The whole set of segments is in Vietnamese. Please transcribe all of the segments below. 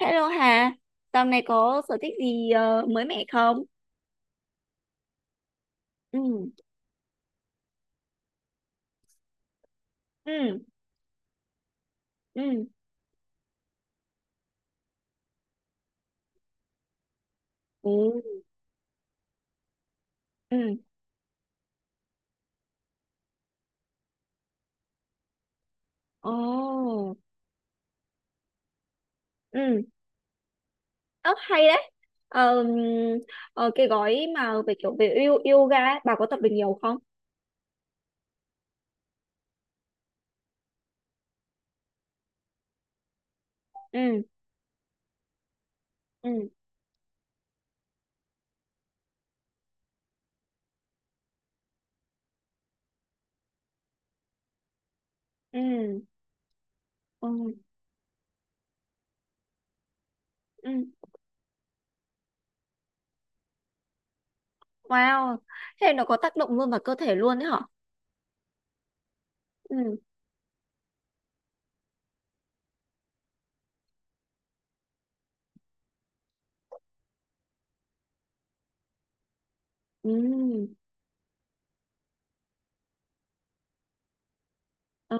Hello Hà, dạo này có sở thích gì mới mẻ không? Ừ. Ừ. Ừ. Ừ. Ừ. Ồ. Ừ. Ớ, hay đấy. Ờ, cái gói mà về kiểu về yoga ấy, bà có tập được nhiều không? Ừ. Ừ. Ừ. Ừ. Ừ. Wow, thế nó có tác động luôn vào cơ thể luôn đấy hả? Ừ. Ừ. ờ,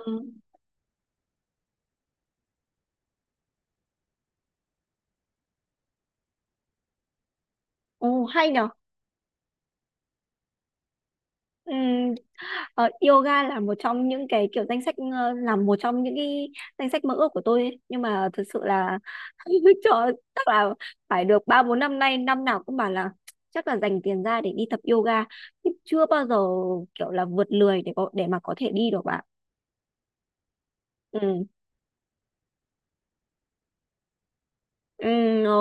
Ồ, hay nhở? Ừ. Ờ, Yoga là một trong những cái kiểu danh sách là một trong những cái danh sách mơ ước của tôi ấy. Nhưng mà thực sự là cho chắc là phải được 3 4 năm nay, năm nào cũng bảo là chắc là dành tiền ra để đi tập yoga nhưng chưa bao giờ kiểu là vượt lười để mà có thể đi được bạn. Ừ. Ừ. ờ,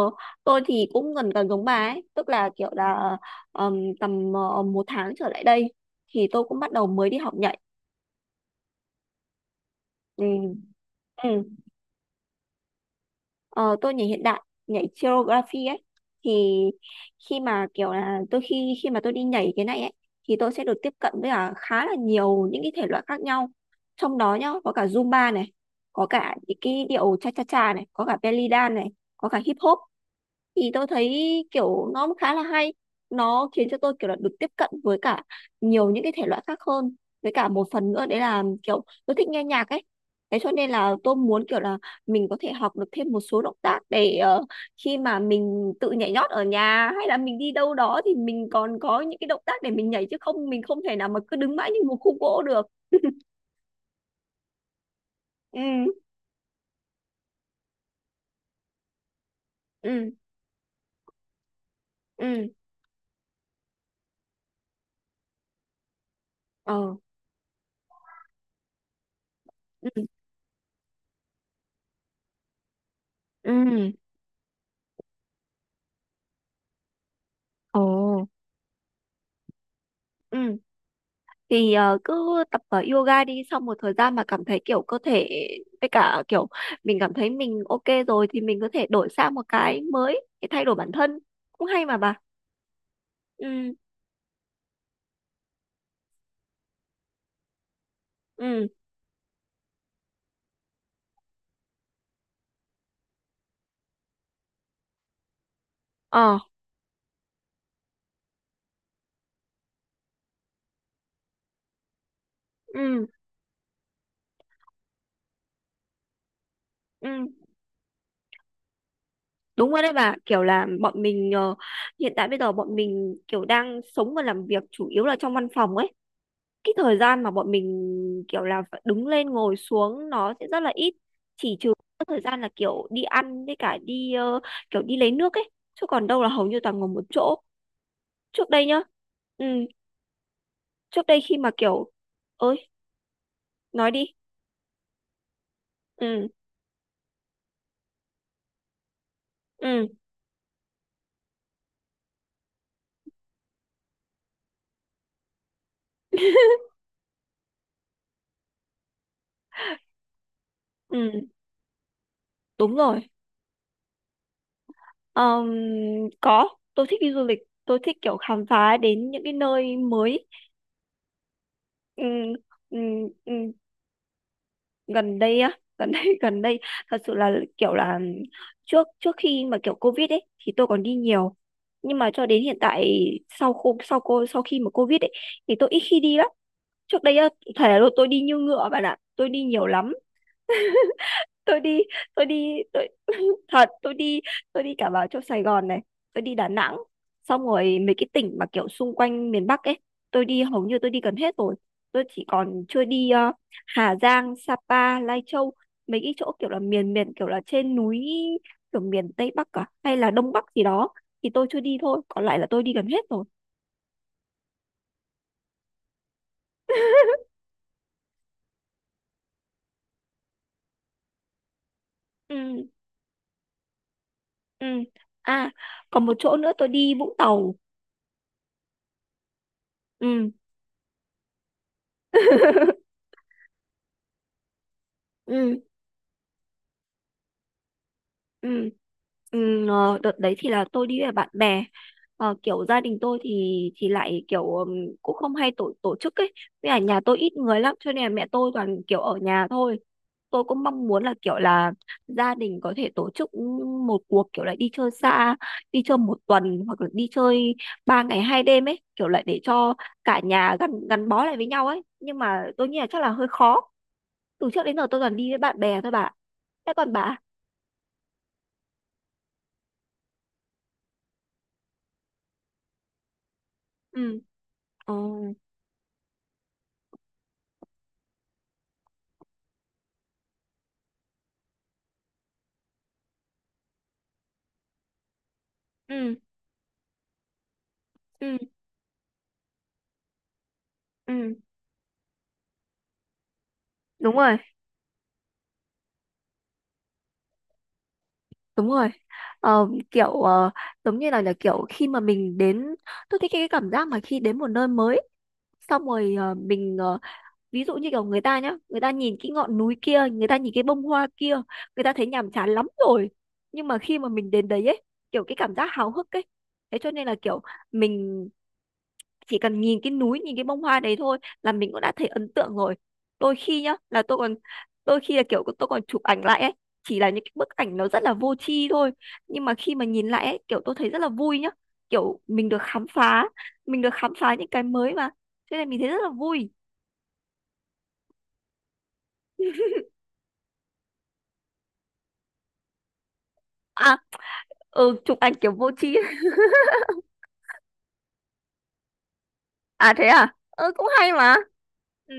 tôi thì cũng gần gần giống bà ấy, tức là kiểu là ờm, tầm một tháng trở lại đây thì tôi cũng bắt đầu mới đi học nhảy. Ừ. Ừ. Ờ, tôi nhảy hiện đại, nhảy choreography ấy. Thì khi mà kiểu là khi khi mà tôi đi nhảy cái này ấy thì tôi sẽ được tiếp cận với cả khá là nhiều những cái thể loại khác nhau, trong đó nhá có cả Zumba này, có cả những cái điệu cha cha cha này, có cả belly dance này, có cả hip hop. Thì tôi thấy kiểu nó cũng khá là hay, nó khiến cho tôi kiểu là được tiếp cận với cả nhiều những cái thể loại khác hơn, với cả một phần nữa đấy là kiểu tôi thích nghe nhạc ấy, thế cho nên là tôi muốn kiểu là mình có thể học được thêm một số động tác để khi mà mình tự nhảy nhót ở nhà hay là mình đi đâu đó thì mình còn có những cái động tác để mình nhảy, chứ không mình không thể nào mà cứ đứng mãi như một khúc gỗ được. Ừ. Ừ. Ừ. Ờ. Ừ. Ừ. Ồ. Ừ. Thì cứ tập yoga đi, sau một thời gian mà cảm thấy kiểu cơ thể với cả kiểu mình cảm thấy mình ok rồi thì mình có thể đổi sang một cái mới để thay đổi bản thân, cũng hay mà bà. Ừ. Ừ. Ờ. Ừ. Ừ. Đúng rồi đấy bà, kiểu là bọn mình hiện tại bây giờ bọn mình kiểu đang sống và làm việc chủ yếu là trong văn phòng ấy, cái thời gian mà bọn mình kiểu là phải đứng lên ngồi xuống nó sẽ rất là ít, chỉ trừ các thời gian là kiểu đi ăn với cả đi kiểu đi lấy nước ấy, chứ còn đâu là hầu như toàn ngồi một chỗ. Trước đây nhá. Ừ. Trước đây khi mà kiểu... ơi, nói đi. Ừ. Ừ. Ừ. Đúng rồi. Ờm, có, tôi thích đi du lịch, tôi thích kiểu khám phá đến những cái nơi mới. Ừ. Ừ. Ừ. Gần đây á? Gần đây, gần đây thật sự là kiểu là trước trước khi mà kiểu covid ấy thì tôi còn đi nhiều, nhưng mà cho đến hiện tại, sau khi mà covid ấy thì tôi ít khi đi lắm. Trước đây á, thể là tôi đi như ngựa bạn ạ, tôi đi nhiều lắm. Tôi đi, tôi đi, tôi thật, tôi đi, tôi đi cả vào chỗ Sài Gòn này, tôi đi Đà Nẵng, xong rồi mấy cái tỉnh mà kiểu xung quanh miền Bắc ấy, tôi đi hầu như tôi đi gần hết rồi. Tôi chỉ còn chưa đi Hà Giang, Sapa, Lai Châu, mấy cái chỗ kiểu là miền miền kiểu là trên núi, kiểu miền Tây Bắc cả hay là Đông Bắc gì đó, thì tôi chưa đi thôi, còn lại là tôi đi gần hết rồi. Ừ. Ừ. À, còn một chỗ nữa tôi đi Vũng Tàu. Ừ. Ừ. Ừ. Ừ. Đợt đấy thì là tôi đi với bạn bè. Ờ, kiểu gia đình tôi thì lại kiểu cũng không hay tổ tổ chức ấy, với cả nhà tôi ít người lắm cho nên là mẹ tôi toàn kiểu ở nhà thôi. Tôi cũng mong muốn là kiểu là gia đình có thể tổ chức một cuộc kiểu là đi chơi xa, đi chơi một tuần hoặc là đi chơi 3 ngày 2 đêm ấy, kiểu lại để cho cả nhà gắn gắn bó lại với nhau ấy, nhưng mà tôi nghĩ là chắc là hơi khó. Từ trước đến giờ tôi toàn đi với bạn bè thôi bà. Thế còn bà? Ừ. Ờ. Ừ. Ừ. Ừ. Đúng rồi, đúng rồi. Kiểu giống như là, kiểu khi mà mình đến, tôi thích cái cảm giác mà khi đến một nơi mới, xong rồi mình ví dụ như kiểu người ta nhá, người ta nhìn cái ngọn núi kia, người ta nhìn cái bông hoa kia, người ta thấy nhàm chán lắm rồi. Nhưng mà khi mà mình đến đấy ấy, kiểu cái cảm giác háo hức ấy, thế cho nên là kiểu mình chỉ cần nhìn cái núi, nhìn cái bông hoa đấy thôi là mình cũng đã thấy ấn tượng rồi. Đôi khi nhá là tôi còn, đôi khi là kiểu tôi còn chụp ảnh lại ấy, chỉ là những cái bức ảnh nó rất là vô tri thôi, nhưng mà khi mà nhìn lại ấy kiểu tôi thấy rất là vui nhá, kiểu mình được khám phá, mình được khám phá những cái mới mà, cho nên mình thấy rất là vui. À. Ừ. Chụp ảnh kiểu vô tri. À thế à. Ừ, cũng hay mà. Ừ.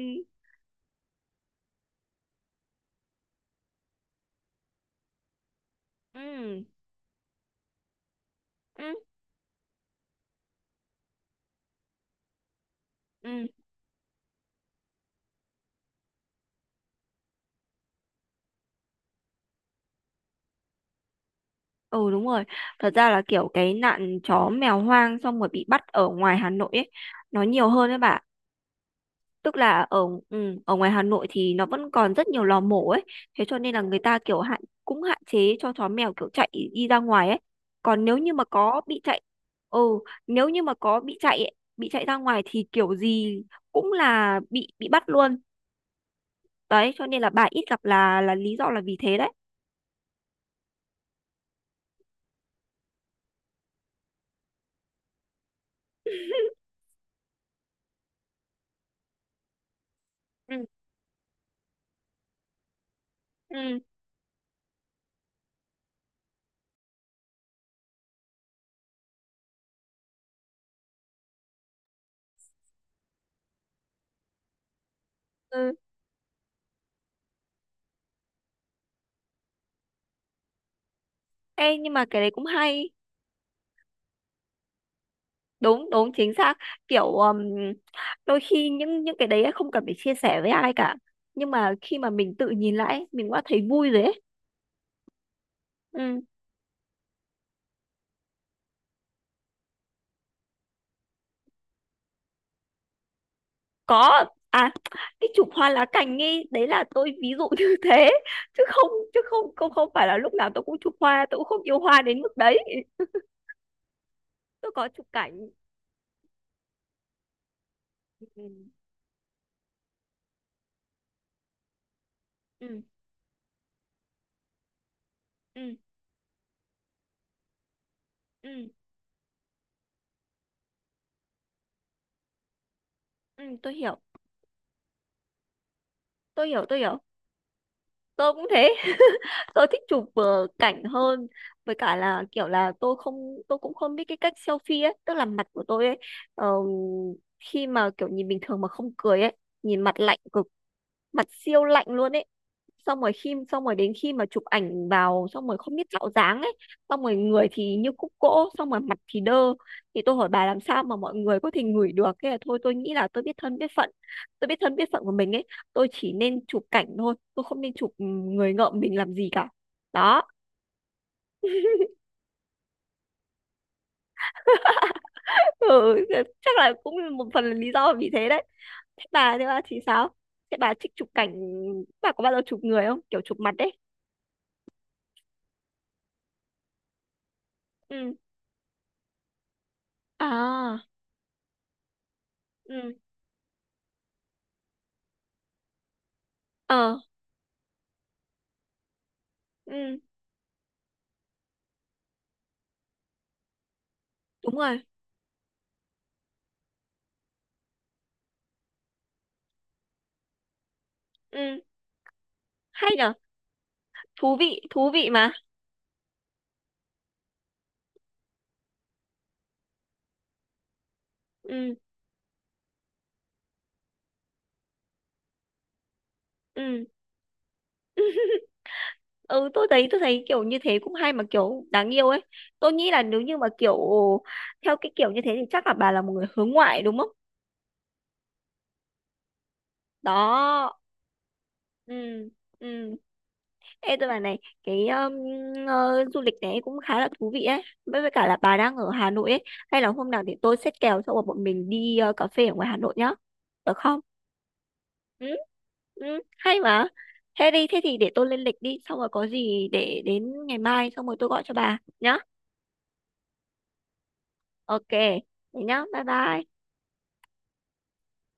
Ừ. Ừ. Ừ. Ừ, đúng rồi. Thật ra là kiểu cái nạn chó mèo hoang xong rồi bị bắt ở ngoài Hà Nội ấy nó nhiều hơn đấy bà. Tức là ở ở ngoài Hà Nội thì nó vẫn còn rất nhiều lò mổ ấy. Thế cho nên là người ta kiểu cũng hạn chế cho chó mèo kiểu chạy đi ra ngoài ấy. Còn nếu như mà có bị chạy ừ Nếu như mà có bị chạy ấy, bị chạy ra ngoài thì kiểu gì cũng là bị bắt luôn. Đấy cho nên là bà ít gặp là lý do là vì thế đấy. Ừ. Ừ. Ừ. Ê, nhưng mà cái đấy cũng hay. Đúng đúng chính xác, kiểu đôi khi những cái đấy ấy không cần phải chia sẻ với ai cả, nhưng mà khi mà mình tự nhìn lại ấy, mình đã thấy vui rồi ấy. Ừ. Có. À, cái chụp hoa lá cành ấy đấy là tôi ví dụ như thế, chứ không, chứ không không không phải là lúc nào tôi cũng chụp hoa, tôi cũng không yêu hoa đến mức đấy. Tôi có chụp cảnh. Ừ. Ừ. Ừ. Ừ. Ừ, tôi hiểu, tôi hiểu, tôi hiểu. Tôi cũng thế, tôi thích chụp cảnh hơn, với cả là kiểu là tôi cũng không biết cái cách selfie ấy, tức là mặt của tôi ấy ờ, khi mà kiểu nhìn bình thường mà không cười ấy, nhìn mặt lạnh cực, mặt siêu lạnh luôn ấy. Xong rồi đến khi mà chụp ảnh vào xong rồi không biết tạo dáng ấy, xong rồi người thì như khúc gỗ, xong rồi mặt thì đơ, thì tôi hỏi bà làm sao mà mọi người có thể ngửi được, thế là thôi tôi nghĩ là tôi biết thân biết phận, tôi biết thân biết phận của mình ấy, tôi chỉ nên chụp cảnh thôi, tôi không nên chụp người ngợm mình làm gì cả. Đó. ừ, Chắc là cũng một phần là lý do là vì thế đấy. Thế bà thì sao? Thế bà thích chụp cảnh, bà có bao giờ chụp người không, kiểu chụp mặt đấy? Ừ. À. Ừ. Ờ. Ừ. Đúng rồi. Ừ. Hay nhở? Thú vị, thú vị mà. Ừ. Ừ. Ừ. Tôi thấy, tôi thấy kiểu như thế cũng hay mà, kiểu đáng yêu ấy. Tôi nghĩ là nếu như mà kiểu theo cái kiểu như thế thì chắc là bà là một người hướng ngoại đúng không? Đó. Ừ. Ừ. Ê, tôi bảo này, cái du lịch này cũng khá là thú vị ấy, với cả là bà đang ở Hà Nội ấy, hay là hôm nào để tôi xét kèo cho bọn mình đi cà phê ở ngoài Hà Nội nhá, được không? Ừ. Ừ, hay mà. Thế đi, thế thì để tôi lên lịch đi, xong rồi có gì để đến ngày mai xong rồi tôi gọi cho bà nhá. Ok, thế nhá, bye bye.